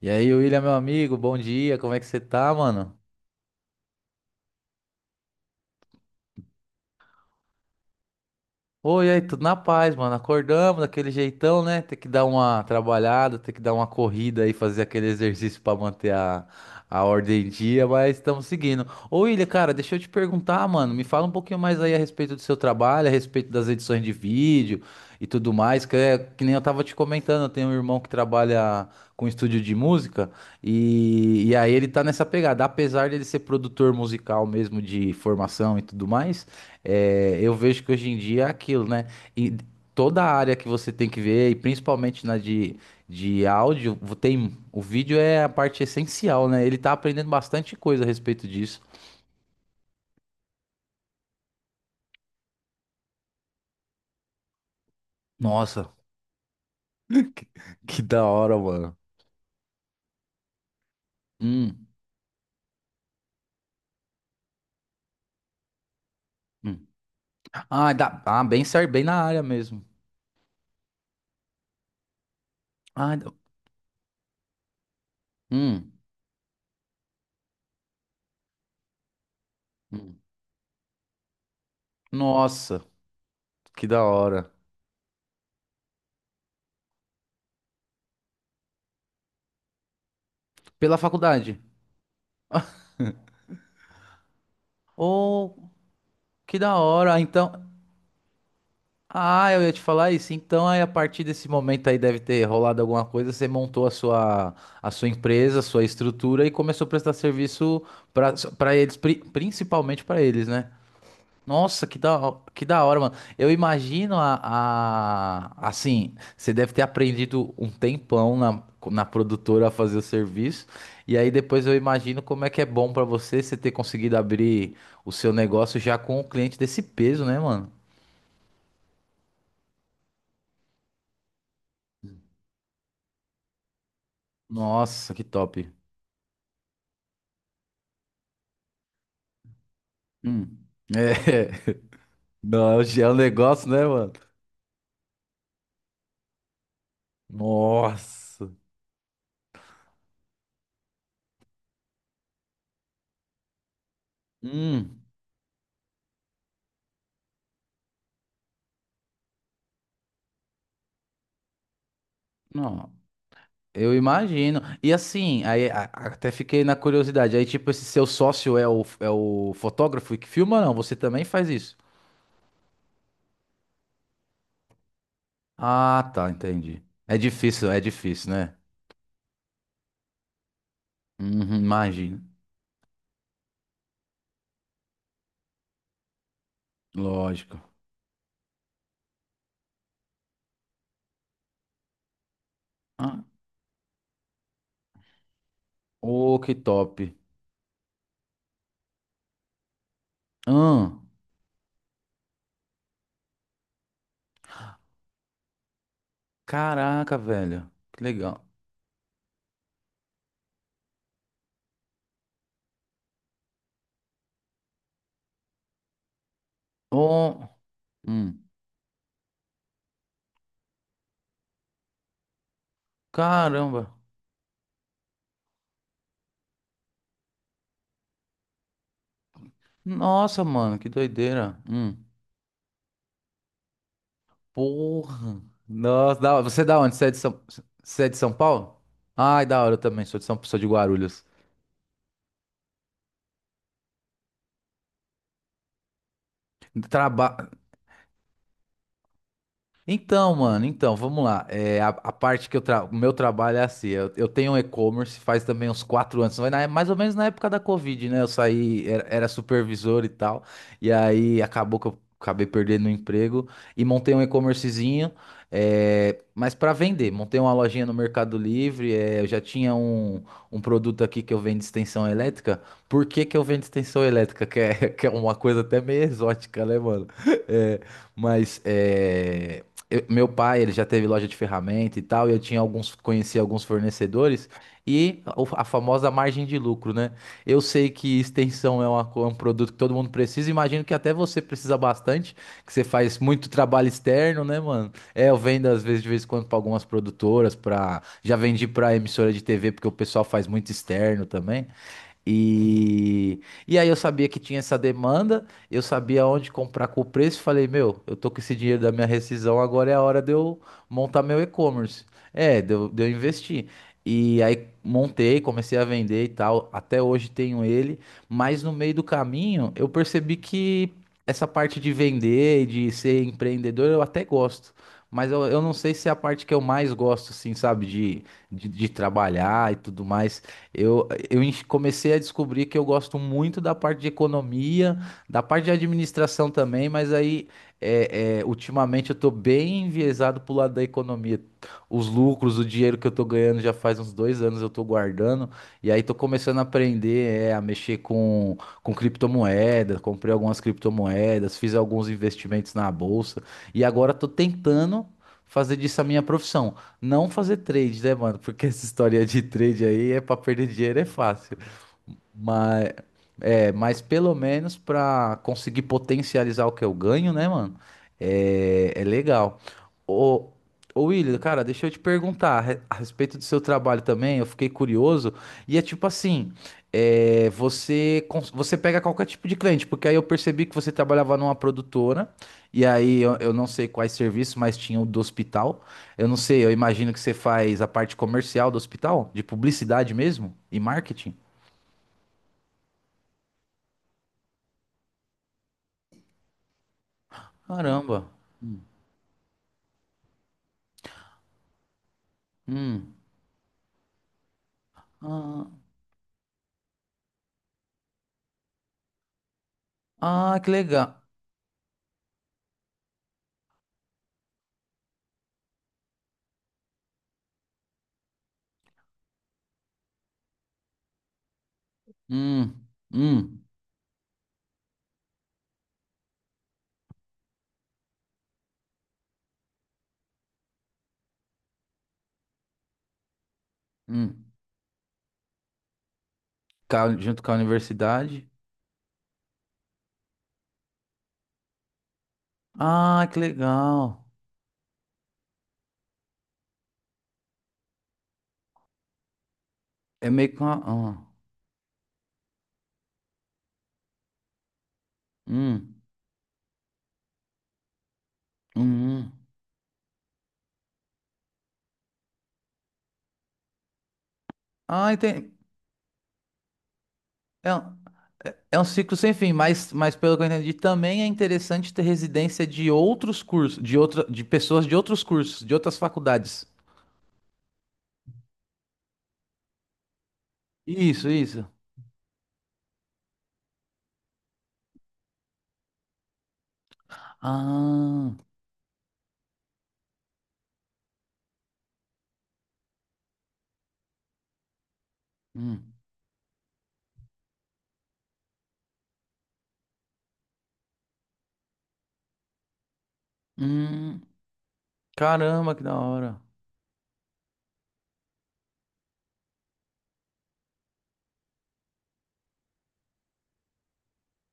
E aí, William, meu amigo, bom dia, como é que você tá, mano? Oi, e aí, tudo na paz, mano. Acordamos daquele jeitão, né? Ter que dar uma trabalhada, ter que dar uma corrida aí, fazer aquele exercício pra manter a ordem em dia, mas estamos seguindo. Ô, William, cara, deixa eu te perguntar, mano, me fala um pouquinho mais aí a respeito do seu trabalho, a respeito das edições de vídeo. E tudo mais, que é que nem eu tava te comentando, eu tenho um irmão que trabalha com estúdio de música e aí ele tá nessa pegada, apesar dele ser produtor musical mesmo de formação e tudo mais. Eu vejo que hoje em dia é aquilo, né? E toda a área que você tem que ver, e principalmente na de áudio, tem, o vídeo é a parte essencial, né? Ele tá aprendendo bastante coisa a respeito disso. Nossa, que, que da hora, mano. Hum. Ah, bem certo, bem na área mesmo. Ah, da- hum, nossa, que da hora. Pela faculdade. Oh, que da hora. Então, ah, eu ia te falar isso. Então, aí, a partir desse momento aí deve ter rolado alguma coisa. Você montou a sua empresa, a sua estrutura e começou a prestar serviço para eles, pri- principalmente para eles, né? Nossa, que da hora, mano. Eu imagino. Assim, você deve ter aprendido um tempão na, na produtora a fazer o serviço. E aí depois eu imagino como é que é bom pra você você ter conseguido abrir o seu negócio já com o cliente desse peso, né, mano? Nossa, que top. Hum. É. Não, já é um negócio, né, mano? Nossa. Hum. Eu imagino. E assim, até fiquei na curiosidade. Aí, tipo, esse seu sócio é o fotógrafo que filma, ou não? Você também faz isso? Ah, tá, entendi. É difícil, né? Uhum, imagino. Lógico. Ah, ô, que top. Ah, caraca, velho. Que legal. Oh, hum, caramba. Nossa, mano, que doideira. Hum. Porra. Nossa, da hora. Você é da onde? Você é de São Paulo? Ai, da hora, eu também sou de Guarulhos. Traba... Então, mano, então, vamos lá. É, a parte que eu tra... o meu trabalho é assim, eu tenho um e-commerce faz também uns quatro anos, vai na- mais ou menos na época da Covid, né? Eu saí, era supervisor e tal, e aí acabou que eu acabei perdendo o emprego e montei um e-commercezinho, é, mas para vender. Montei uma lojinha no Mercado Livre, é, eu já tinha um, um produto aqui que eu vendo extensão elétrica. Por que que eu vendo extensão elétrica? Que é uma coisa até meio exótica, né, mano? É, mas é meu pai, ele já teve loja de ferramenta e tal, e eu tinha alguns, conhecia alguns fornecedores e a famosa margem de lucro, né? Eu sei que extensão uma um produto que todo mundo precisa, imagino que até você precisa bastante, que você faz muito trabalho externo, né, mano? É, eu vendo às vezes de vez em quando para algumas produtoras, para já vendi para emissora de TV porque o pessoal faz muito externo também. E, e aí eu sabia que tinha essa demanda, eu sabia onde comprar com o preço, e falei, meu, eu tô com esse dinheiro da minha rescisão, agora é a hora de eu montar meu e-commerce. É, de eu investir. E aí montei, comecei a vender e tal. Até hoje tenho ele, mas no meio do caminho eu percebi que essa parte de vender e de ser empreendedor eu até gosto. Mas eu não sei se é a parte que eu mais gosto, assim, sabe, de trabalhar e tudo mais. Eu, comecei a descobrir que eu gosto muito da parte de economia, da parte de administração também, mas aí ultimamente eu tô bem enviesado pro lado da economia. Os lucros, o dinheiro que eu tô ganhando já faz uns dois anos eu tô guardando. E aí tô começando a aprender, é, com criptomoedas. Comprei algumas criptomoedas, fiz alguns investimentos na bolsa. E agora tô tentando fazer disso a minha profissão. Não fazer trade, né, mano? Porque essa história de trade aí é pra perder dinheiro, é fácil. Mas é, mas pelo menos pra conseguir potencializar o que eu ganho, né, mano? É, é legal. Ô, ô William, cara, deixa eu te perguntar a respeito do seu trabalho também. Eu fiquei curioso. E é tipo assim: é, você pega qualquer tipo de cliente, porque aí eu percebi que você trabalhava numa produtora. E aí eu não sei quais serviços, mas tinha o do hospital. Eu não sei, eu imagino que você faz a parte comercial do hospital, de publicidade mesmo e marketing. Caramba. Hum. Ah, ah, que legal. Hum, hum, hum. Junto com a universidade. Ah, que legal. É meio que uma. Ah, hum, hum, hum. Ah, entendi. É, é um ciclo sem fim, mas pelo que eu entendi, também é interessante ter residência de outros cursos, de outra, de pessoas de outros cursos, de outras faculdades. Isso, isso. Ah, hum, hum. Caramba, que da hora.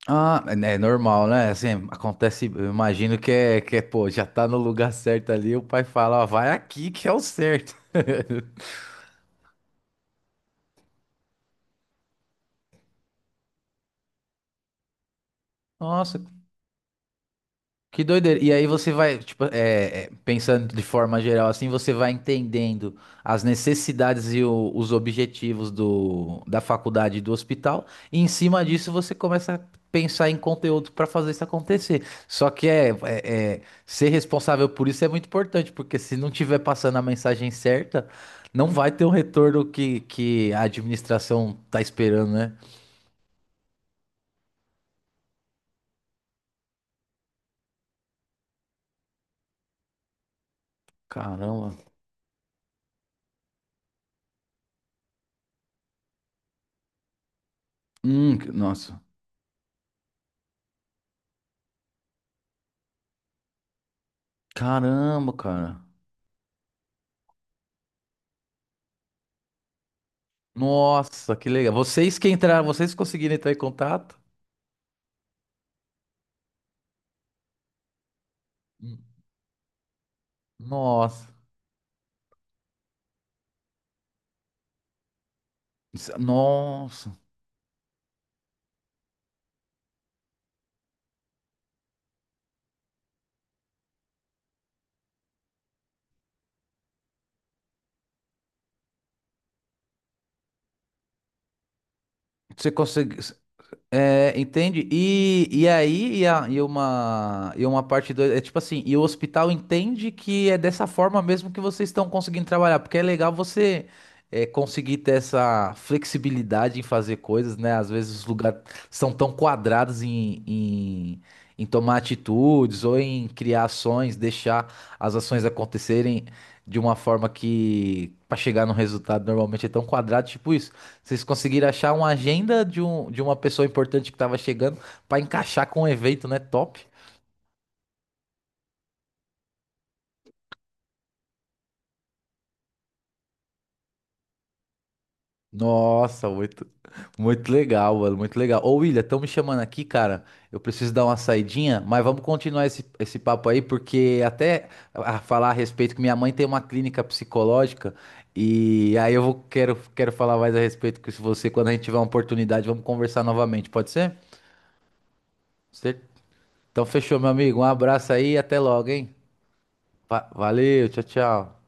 Ah, é, é normal, né? Assim, acontece, eu imagino que é, pô, já tá no lugar certo ali, o pai fala, ó, vai aqui que é o certo. Nossa, que doideira. E aí você vai, tipo, pensando de forma geral, assim, você vai entendendo as necessidades e os objetivos do, da faculdade e do hospital, e em cima disso você começa a pensar em conteúdo para fazer isso acontecer. Só que é, ser responsável por isso é muito importante, porque se não tiver passando a mensagem certa, não vai ter o retorno que a administração tá esperando, né? Caramba. Nossa. Caramba, cara. Nossa, que legal. Vocês que entraram, vocês conseguiram entrar em contato? Hum. Nossa. Nossa. Você conseguiu. É, entende? E aí, e, a- e uma parte 2 é tipo assim, e o hospital entende que é dessa forma mesmo que vocês estão conseguindo trabalhar, porque é legal você é, conseguir ter essa flexibilidade em fazer coisas, né? Às vezes os lugares são tão quadrados em tomar atitudes ou em criar ações, deixar as ações acontecerem de uma forma que, para chegar no resultado, normalmente é tão quadrado, tipo isso. Vocês conseguiram achar uma agenda de uma pessoa importante que tava chegando pra encaixar com o evento, né? Top. Nossa, muito legal, mano, muito legal. Ô, William, estão me chamando aqui, cara. Eu preciso dar uma saidinha, mas vamos continuar esse papo aí, porque até a falar a respeito que minha mãe tem uma clínica psicológica e aí eu vou, quero falar mais a respeito que se você quando a gente tiver uma oportunidade, vamos conversar novamente, pode ser? Cer- Então fechou, meu amigo. Um abraço aí e até logo, hein? Valeu, tchau, tchau.